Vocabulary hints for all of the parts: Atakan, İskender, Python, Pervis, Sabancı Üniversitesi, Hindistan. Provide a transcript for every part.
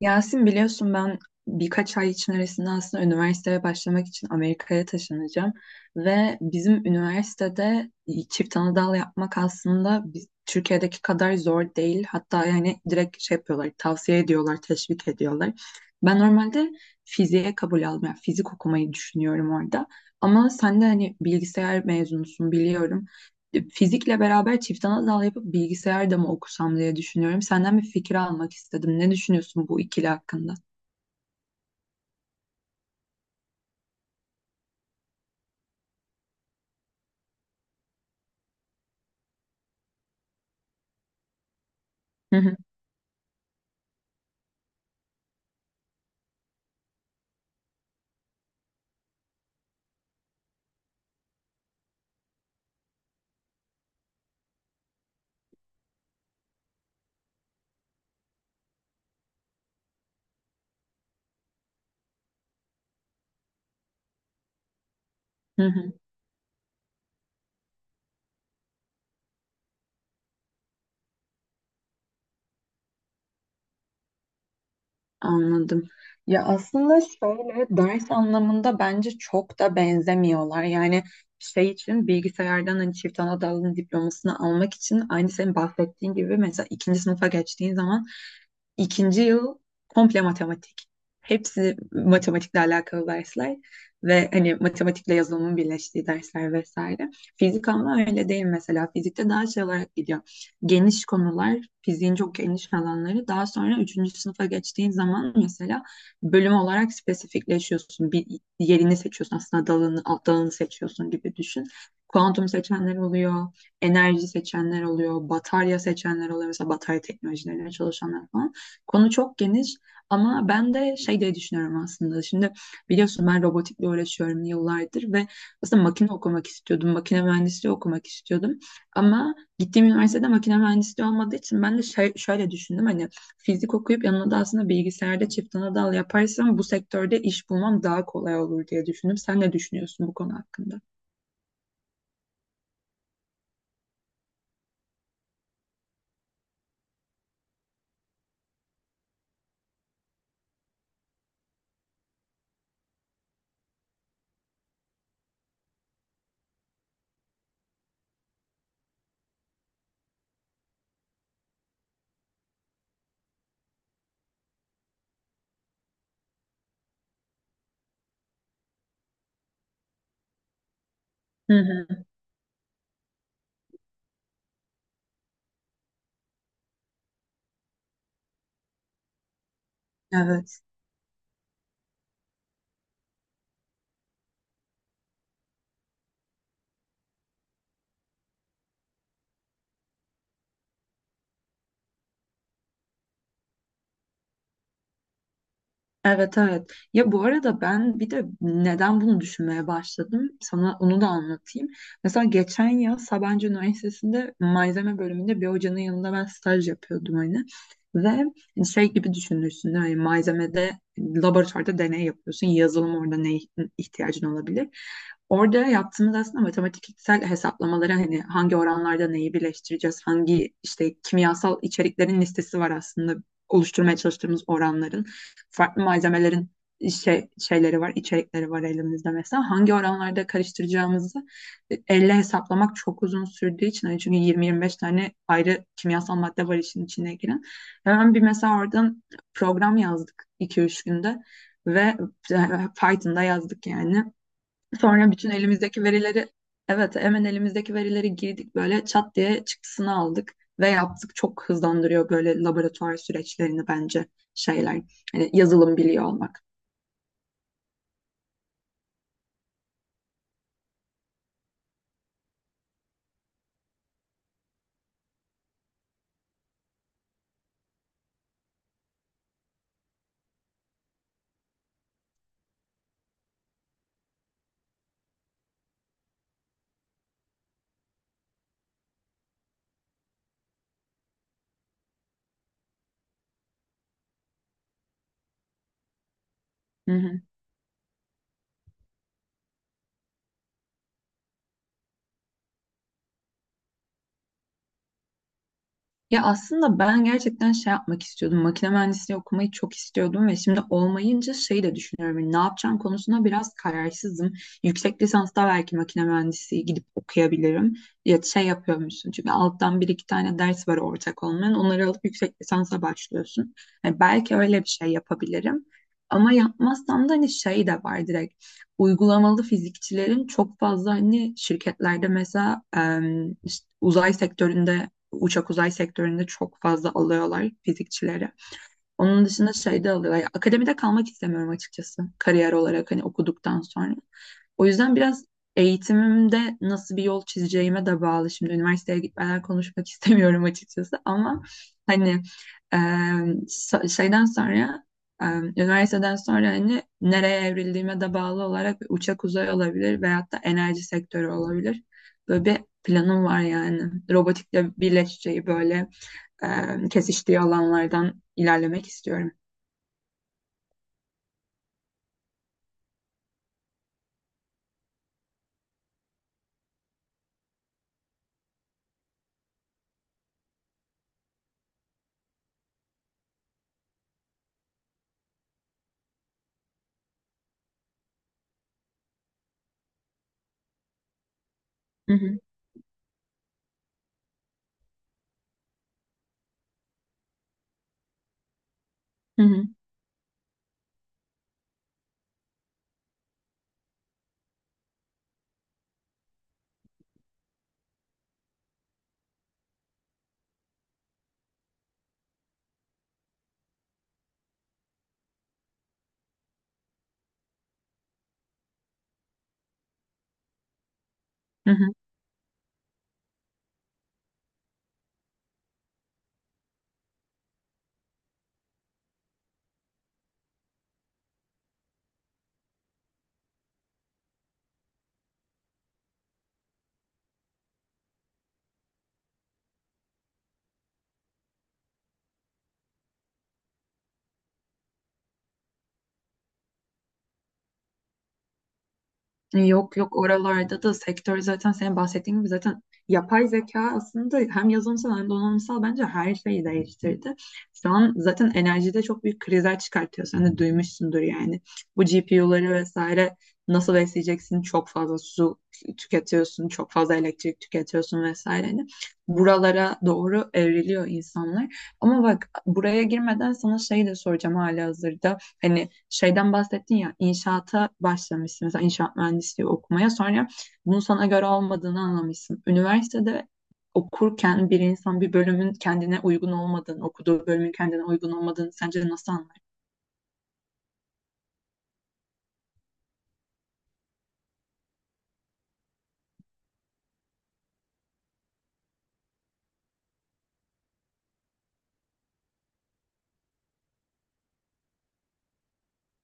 Yasin biliyorsun ben birkaç ay içerisinde aslında üniversiteye başlamak için Amerika'ya taşınacağım ve bizim üniversitede çift anadal yapmak aslında biz, Türkiye'deki kadar zor değil. Hatta yani direkt şey yapıyorlar, tavsiye ediyorlar, teşvik ediyorlar. Ben normalde fiziğe kabul aldım. Yani fizik okumayı düşünüyorum orada. Ama sen de hani bilgisayar mezunusun biliyorum. Fizikle beraber çift ana dal yapıp bilgisayar da mı okusam diye düşünüyorum. Senden bir fikir almak istedim. Ne düşünüyorsun bu ikili hakkında? Hı hı, hı hı. Anladım. Ya aslında şöyle ders anlamında bence çok da benzemiyorlar. Yani şey için bilgisayardan hani çift ana dalın diplomasını almak için aynı senin bahsettiğin gibi mesela ikinci sınıfa geçtiğin zaman İkinci yıl komple matematik. Hepsi matematikle alakalı dersler ve hani matematikle yazılımın birleştiği dersler vesaire. Fizik ama öyle değil mesela. Fizikte daha şey olarak gidiyor. Geniş konular, fiziğin çok geniş alanları. Daha sonra üçüncü sınıfa geçtiğin zaman mesela bölüm olarak spesifikleşiyorsun. Bir yerini seçiyorsun aslında dalını, alt dalını seçiyorsun gibi düşün. Kuantum seçenler oluyor, enerji seçenler oluyor, batarya seçenler oluyor. Mesela batarya teknolojileriyle çalışanlar falan. Konu çok geniş ama ben de şey diye düşünüyorum aslında. Şimdi biliyorsun ben robotikle uğraşıyorum yıllardır ve aslında makine okumak istiyordum. Makine mühendisliği okumak istiyordum. Ama gittiğim üniversitede makine mühendisliği olmadığı için ben de şey, şöyle düşündüm. Hani fizik okuyup yanına da aslında bilgisayarda çift ana dal yaparsam bu sektörde iş bulmam daha kolay olur diye düşündüm. Sen ne düşünüyorsun bu konu hakkında? Hı hı. Evet. Evet, evet. Ya bu arada ben bir de neden bunu düşünmeye başladım? Sana onu da anlatayım. Mesela geçen yıl Sabancı Üniversitesi'nde malzeme bölümünde bir hocanın yanında ben staj yapıyordum hani. Ve hani, şey gibi düşünürsün hani malzemede hani, laboratuvarda deney yapıyorsun. Yazılım orada ne ihtiyacın olabilir? Orada yaptığımız aslında matematiksel hesaplamaları hani hangi oranlarda neyi birleştireceğiz, hangi işte kimyasal içeriklerin listesi var aslında oluşturmaya çalıştığımız oranların farklı malzemelerin şey, şeyleri var, içerikleri var elimizde mesela. Hangi oranlarda karıştıracağımızı elle hesaplamak çok uzun sürdüğü için. Yani çünkü 20-25 tane ayrı kimyasal madde var işin içine giren. Hemen bir mesela oradan program yazdık iki üç günde ve e, Python'da yazdık yani. Sonra bütün elimizdeki verileri evet hemen elimizdeki verileri girdik böyle çat diye çıktısını aldık ve yaptık. Çok hızlandırıyor böyle laboratuvar süreçlerini bence şeyler. Hani yazılım biliyor olmak. Hı hı. Ya aslında ben gerçekten şey yapmak istiyordum. Makine mühendisliği okumayı çok istiyordum ve şimdi olmayınca şey de düşünüyorum. Hani ne yapacağım konusunda biraz kararsızım. Yüksek lisansta belki makine mühendisliği gidip okuyabilirim. Ya şey yapıyormuşsun çünkü alttan bir iki tane ders var ortak olmayan. Onları alıp yüksek lisansa başlıyorsun. Yani belki öyle bir şey yapabilirim. Ama yapmazsam da hani şey de var direkt. Uygulamalı fizikçilerin çok fazla hani şirketlerde mesela işte uzay sektöründe uçak uzay sektöründe çok fazla alıyorlar fizikçileri. Onun dışında şeyde alıyorlar. Ya, akademide kalmak istemiyorum açıkçası kariyer olarak hani okuduktan sonra. O yüzden biraz eğitimimde nasıl bir yol çizeceğime de bağlı. Şimdi üniversiteye gitmeden konuşmak istemiyorum açıkçası ama hani e, şeyden sonra üniversiteden sonra hani nereye evrildiğime de bağlı olarak bir uçak uzay olabilir veyahut da enerji sektörü olabilir. Böyle bir planım var yani. Robotikle birleşeceği böyle kesiştiği alanlardan ilerlemek istiyorum. Hı hı, hı hı, hı hı. E, yok yok, oralarda da sektör zaten senin bahsettiğin gibi zaten yapay zeka aslında hem yazılımsal hem donanımsal bence her şeyi değiştirdi. Şu an zaten enerjide çok büyük krizler çıkartıyor. Sen de duymuşsundur yani. Bu GPU'ları vesaire nasıl besleyeceksin? Çok fazla su tüketiyorsun, çok fazla elektrik tüketiyorsun vesaire. Hani buralara doğru evriliyor insanlar. Ama bak buraya girmeden sana şey de soracağım halihazırda. Hani şeyden bahsettin ya, inşaata başlamışsın mesela inşaat mühendisliği okumaya sonra bunun sana göre olmadığını anlamışsın. Üniversitede okurken bir insan bir bölümün kendine uygun olmadığını, okuduğu bölümün kendine uygun olmadığını sence nasıl anlar?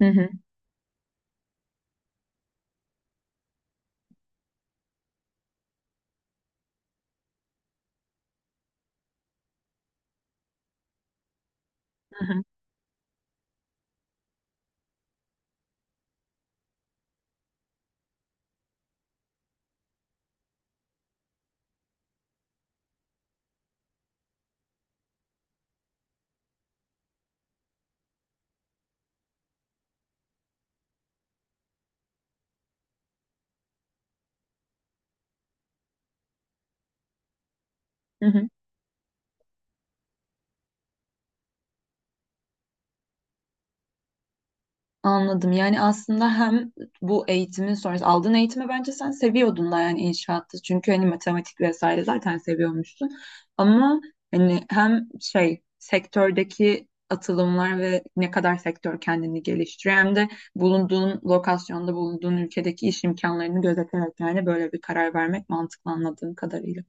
Hı hı, hı hı, hı hı. Anladım. Yani aslında hem bu eğitimin sonrası aldığın eğitimi bence sen seviyordun da yani inşaatta. Çünkü hani matematik vesaire zaten seviyormuşsun. Ama hani hem şey sektördeki atılımlar ve ne kadar sektör kendini geliştiriyor hem de bulunduğun lokasyonda bulunduğun ülkedeki iş imkanlarını gözeterek yani böyle bir karar vermek mantıklı anladığım kadarıyla.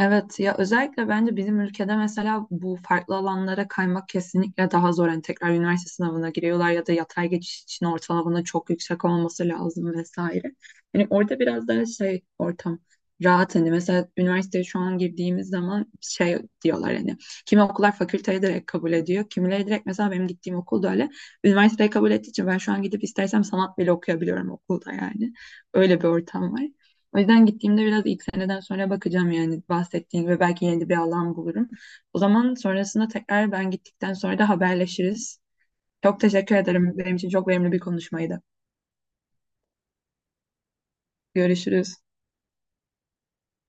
Evet ya, özellikle bence bizim ülkede mesela bu farklı alanlara kaymak kesinlikle daha zor. Hani tekrar üniversite sınavına giriyorlar ya da yatay geçiş için ortalamanın çok yüksek olması lazım vesaire. Hani orada biraz daha şey ortam rahat, hani mesela üniversiteye şu an girdiğimiz zaman şey diyorlar hani kimi okullar fakülteye direkt kabul ediyor. Kimileri direkt mesela benim gittiğim okulda öyle üniversiteye kabul ettiği için ben şu an gidip istersem sanat bile okuyabiliyorum okulda yani. Öyle bir ortam var. O yüzden gittiğimde biraz ilk seneden sonra bakacağım yani bahsettiğin ve belki yeni bir alan bulurum. O zaman sonrasında tekrar ben gittikten sonra da haberleşiriz. Çok teşekkür ederim. Benim için çok verimli bir konuşmaydı. Görüşürüz.